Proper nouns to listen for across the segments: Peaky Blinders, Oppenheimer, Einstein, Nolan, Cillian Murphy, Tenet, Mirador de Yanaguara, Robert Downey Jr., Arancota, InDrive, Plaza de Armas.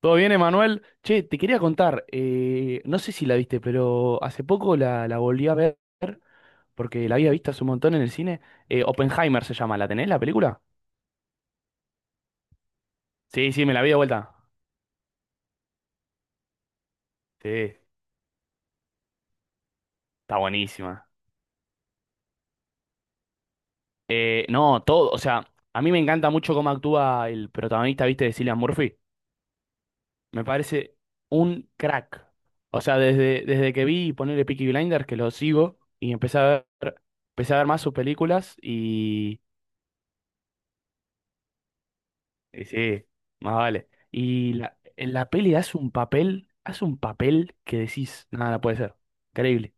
¿Todo bien, Emanuel? Che, te quería contar, no sé si la viste, pero hace poco la volví a ver, porque la había visto hace un montón en el cine. Oppenheimer se llama, ¿la tenés la película? Sí, sí, me la vi de vuelta. Sí, está buenísima. No, todo, o sea, a mí me encanta mucho cómo actúa el protagonista, ¿viste? De Cillian Murphy. Me parece un crack. O sea, desde que vi ponerle Peaky Blinders, que lo sigo, y empecé a ver más sus películas. Y sí, más vale. Y en la peli hace un papel que decís, nada, no puede ser. Increíble.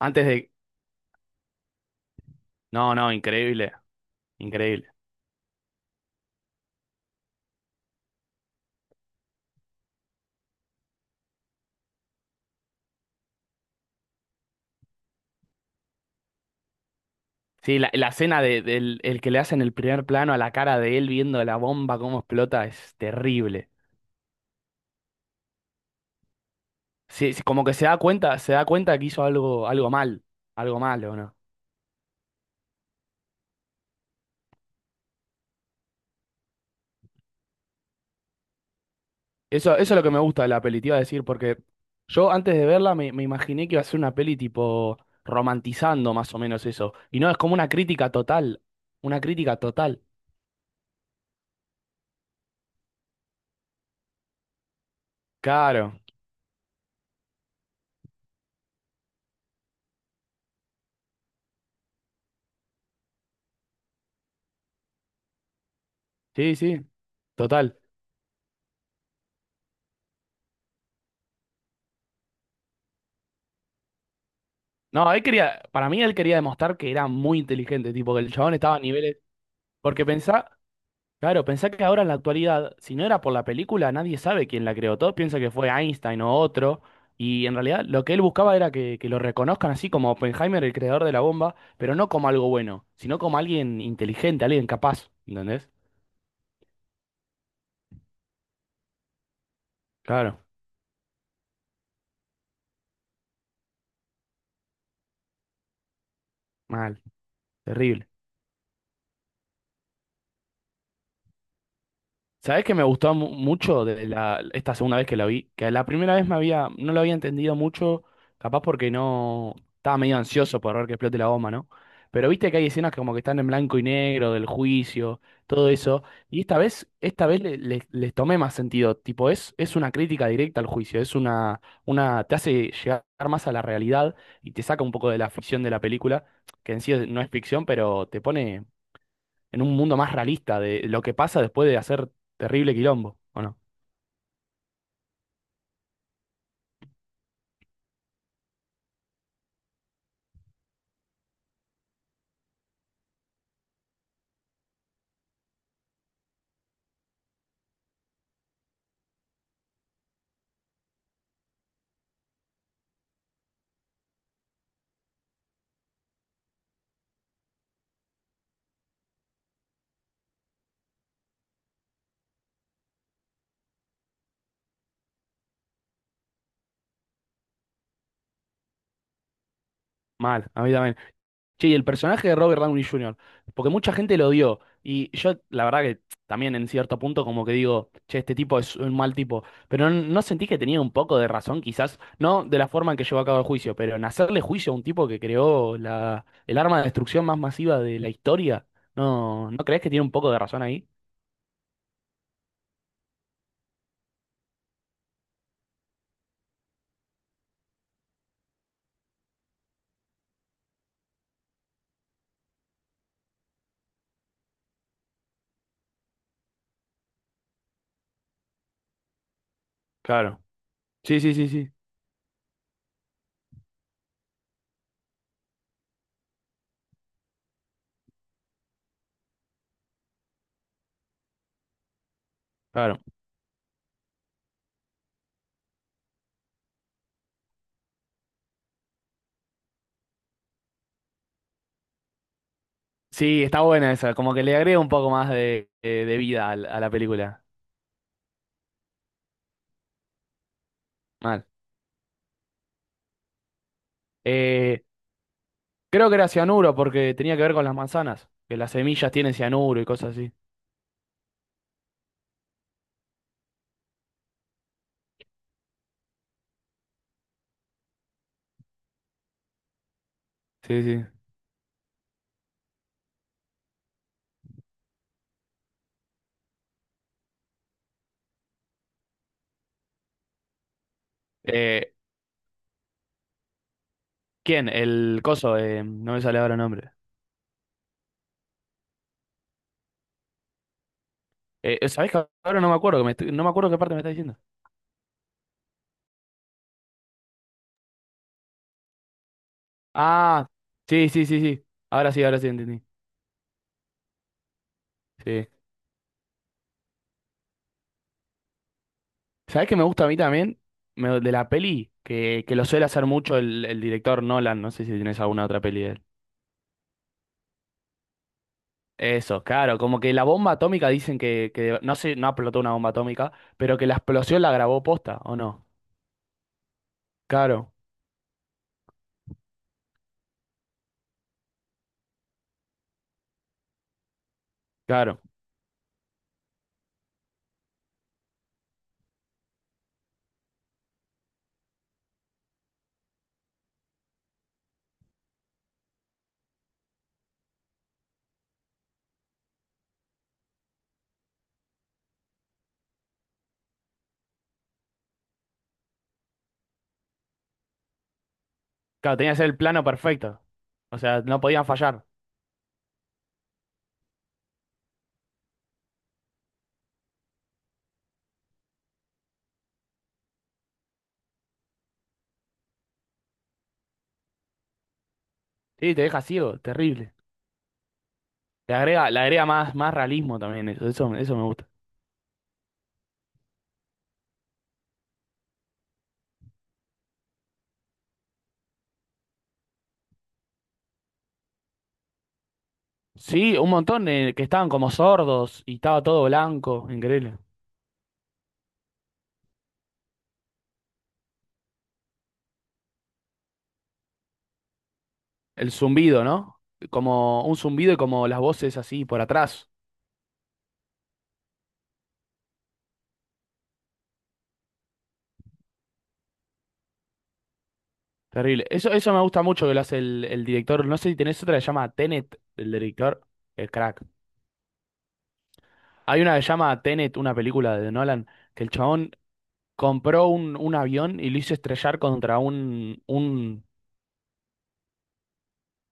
Antes de... No, no, increíble, increíble. Sí, la del el que le hacen el primer plano a la cara de él viendo la bomba cómo explota es terrible. Sí, sí, como que se da cuenta que hizo algo, algo mal, algo malo, no. Eso, eso es lo que me gusta de la peli, te iba a decir, porque yo antes de verla me imaginé que iba a ser una peli tipo romantizando más o menos eso. Y no, es como una crítica total. Una crítica total. Claro. Sí, sí, total. No, él quería, para mí él quería demostrar que era muy inteligente, tipo que el chabón estaba a niveles. Porque pensá, claro, pensá que ahora en la actualidad, si no era por la película, nadie sabe quién la creó. Todos piensan que fue Einstein o otro. Y en realidad lo que él buscaba era que lo reconozcan así como Oppenheimer, el creador de la bomba, pero no como algo bueno, sino como alguien inteligente, alguien capaz. ¿Entendés? Claro, mal, terrible. ¿Sabés que me gustó mucho de la, esta segunda vez que la vi? Que la primera vez me había, no lo había entendido mucho, capaz porque no estaba medio ansioso por ver que explote la bomba, ¿no? Pero viste que hay escenas que como que están en blanco y negro, del juicio, todo eso. Y esta vez les tomé más sentido. Tipo, es una crítica directa al juicio, es una, te hace llegar más a la realidad y te saca un poco de la ficción de la película, que en sí no es ficción, pero te pone en un mundo más realista de lo que pasa después de hacer terrible quilombo, ¿o no? Mal, a mí también. Che, y el personaje de Robert Downey Jr., porque mucha gente lo odió, y yo la verdad que también en cierto punto como que digo, che, este tipo es un mal tipo, pero no, no sentí que tenía un poco de razón, quizás, no de la forma en que llevó a cabo el juicio, pero en hacerle juicio a un tipo que creó el arma de destrucción más masiva de la historia, ¿no, no crees que tiene un poco de razón ahí? Claro. Sí, sí, sí, sí. Claro. Sí, está buena esa, como que le agrega un poco más de, de vida a la película. Mal. Eh, Creo que era cianuro porque tenía que ver con las manzanas, que las semillas tienen cianuro y cosas así. Sí, sí. Eh, ¿Quién? El coso, no me sale ahora el nombre. ¿Sabés que ahora no me acuerdo? Que no me acuerdo qué parte me está diciendo. Ah, sí, sí, sí, sí. Ahora sí, ahora sí entendí. Sí. ¿Sabés qué me gusta a mí también? De la peli, que lo suele hacer mucho el director Nolan, no sé si tienes alguna otra peli de él. Eso, claro, como que la bomba atómica dicen que no sé, no explotó una bomba atómica, pero que la explosión la grabó posta, ¿o no? Claro, claro, claro, tenía que ser el plano perfecto, o sea, no podían fallar. Sí, te deja ciego, terrible. Le agrega más, más realismo también, eso me gusta. Sí, un montón de, que estaban como sordos y estaba todo blanco, increíble. El zumbido, ¿no? Como un zumbido y como las voces así por atrás. Terrible. Eso me gusta mucho que lo hace el director. No sé si tenés otra que se llama Tenet, el director. El crack. Hay una que se llama Tenet, una película de Nolan, que el chabón compró un avión y lo hizo estrellar contra un...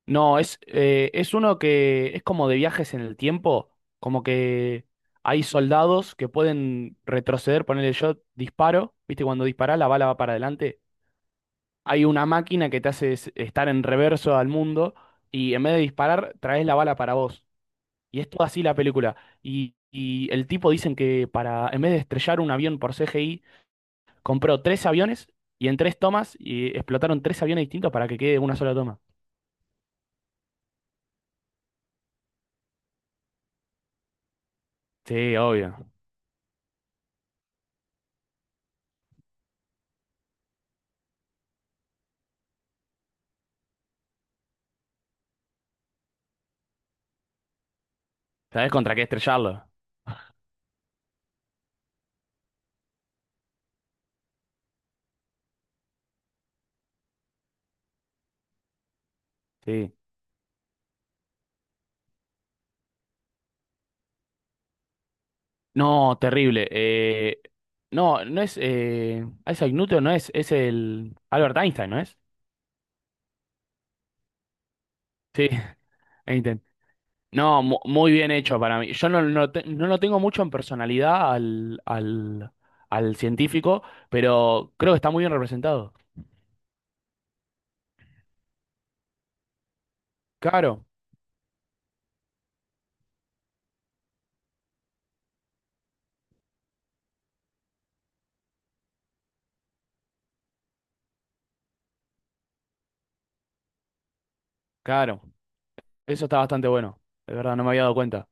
No, es uno que es como de viajes en el tiempo, como que hay soldados que pueden retroceder, ponerle yo disparo, ¿viste? Cuando disparás la bala va para adelante hay una máquina que te hace estar en reverso al mundo y en vez de disparar, traes la bala para vos. Y es toda así la película. Y el tipo dicen que para, en vez de estrellar un avión por CGI, compró tres aviones y en tres tomas y explotaron tres aviones distintos para que quede una sola toma. Sí, obvio. ¿Sabés contra qué estrellarlo? Sí. No, terrible. No, no es Isaac Newton, no es, es el Albert Einstein, ¿no es? Sí, Einstein. No, muy bien hecho para mí. Yo no, no, no lo tengo mucho en personalidad al, al científico, pero creo que está muy bien representado. Claro, claro. Eso está bastante bueno. De verdad, no me había dado cuenta.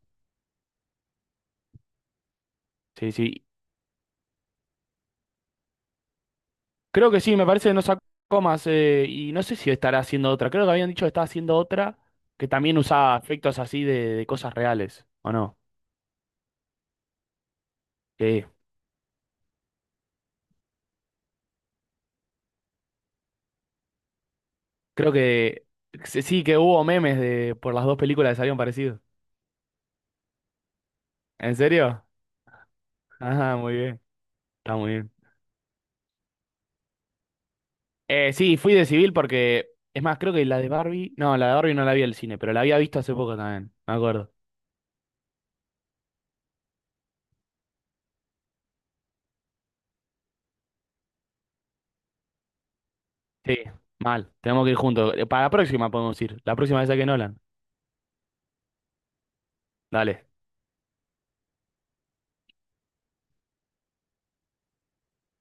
Sí, sí. Creo que sí, me parece que no sacó más. Y no sé si estará haciendo otra. Creo que habían dicho que estaba haciendo otra que también usaba efectos así de cosas reales, ¿o no? Sí. Creo que sí, sí, que hubo memes de, por las dos películas que salieron parecidos. ¿En serio? Ajá, muy bien. Está muy bien. Sí, fui de civil porque, es más, creo que la de Barbie, no, la de Barbie no la vi al cine, pero la había visto hace poco también, me acuerdo. Sí, mal, tenemos que ir juntos. Para la próxima podemos ir, la próxima esa que Nolan. Dale.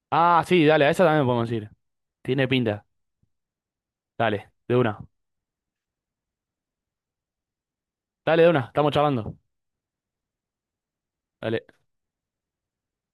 Ah, sí, dale, a esa también podemos ir. Tiene pinta. Dale, de una. Dale, de una, estamos charlando. Dale.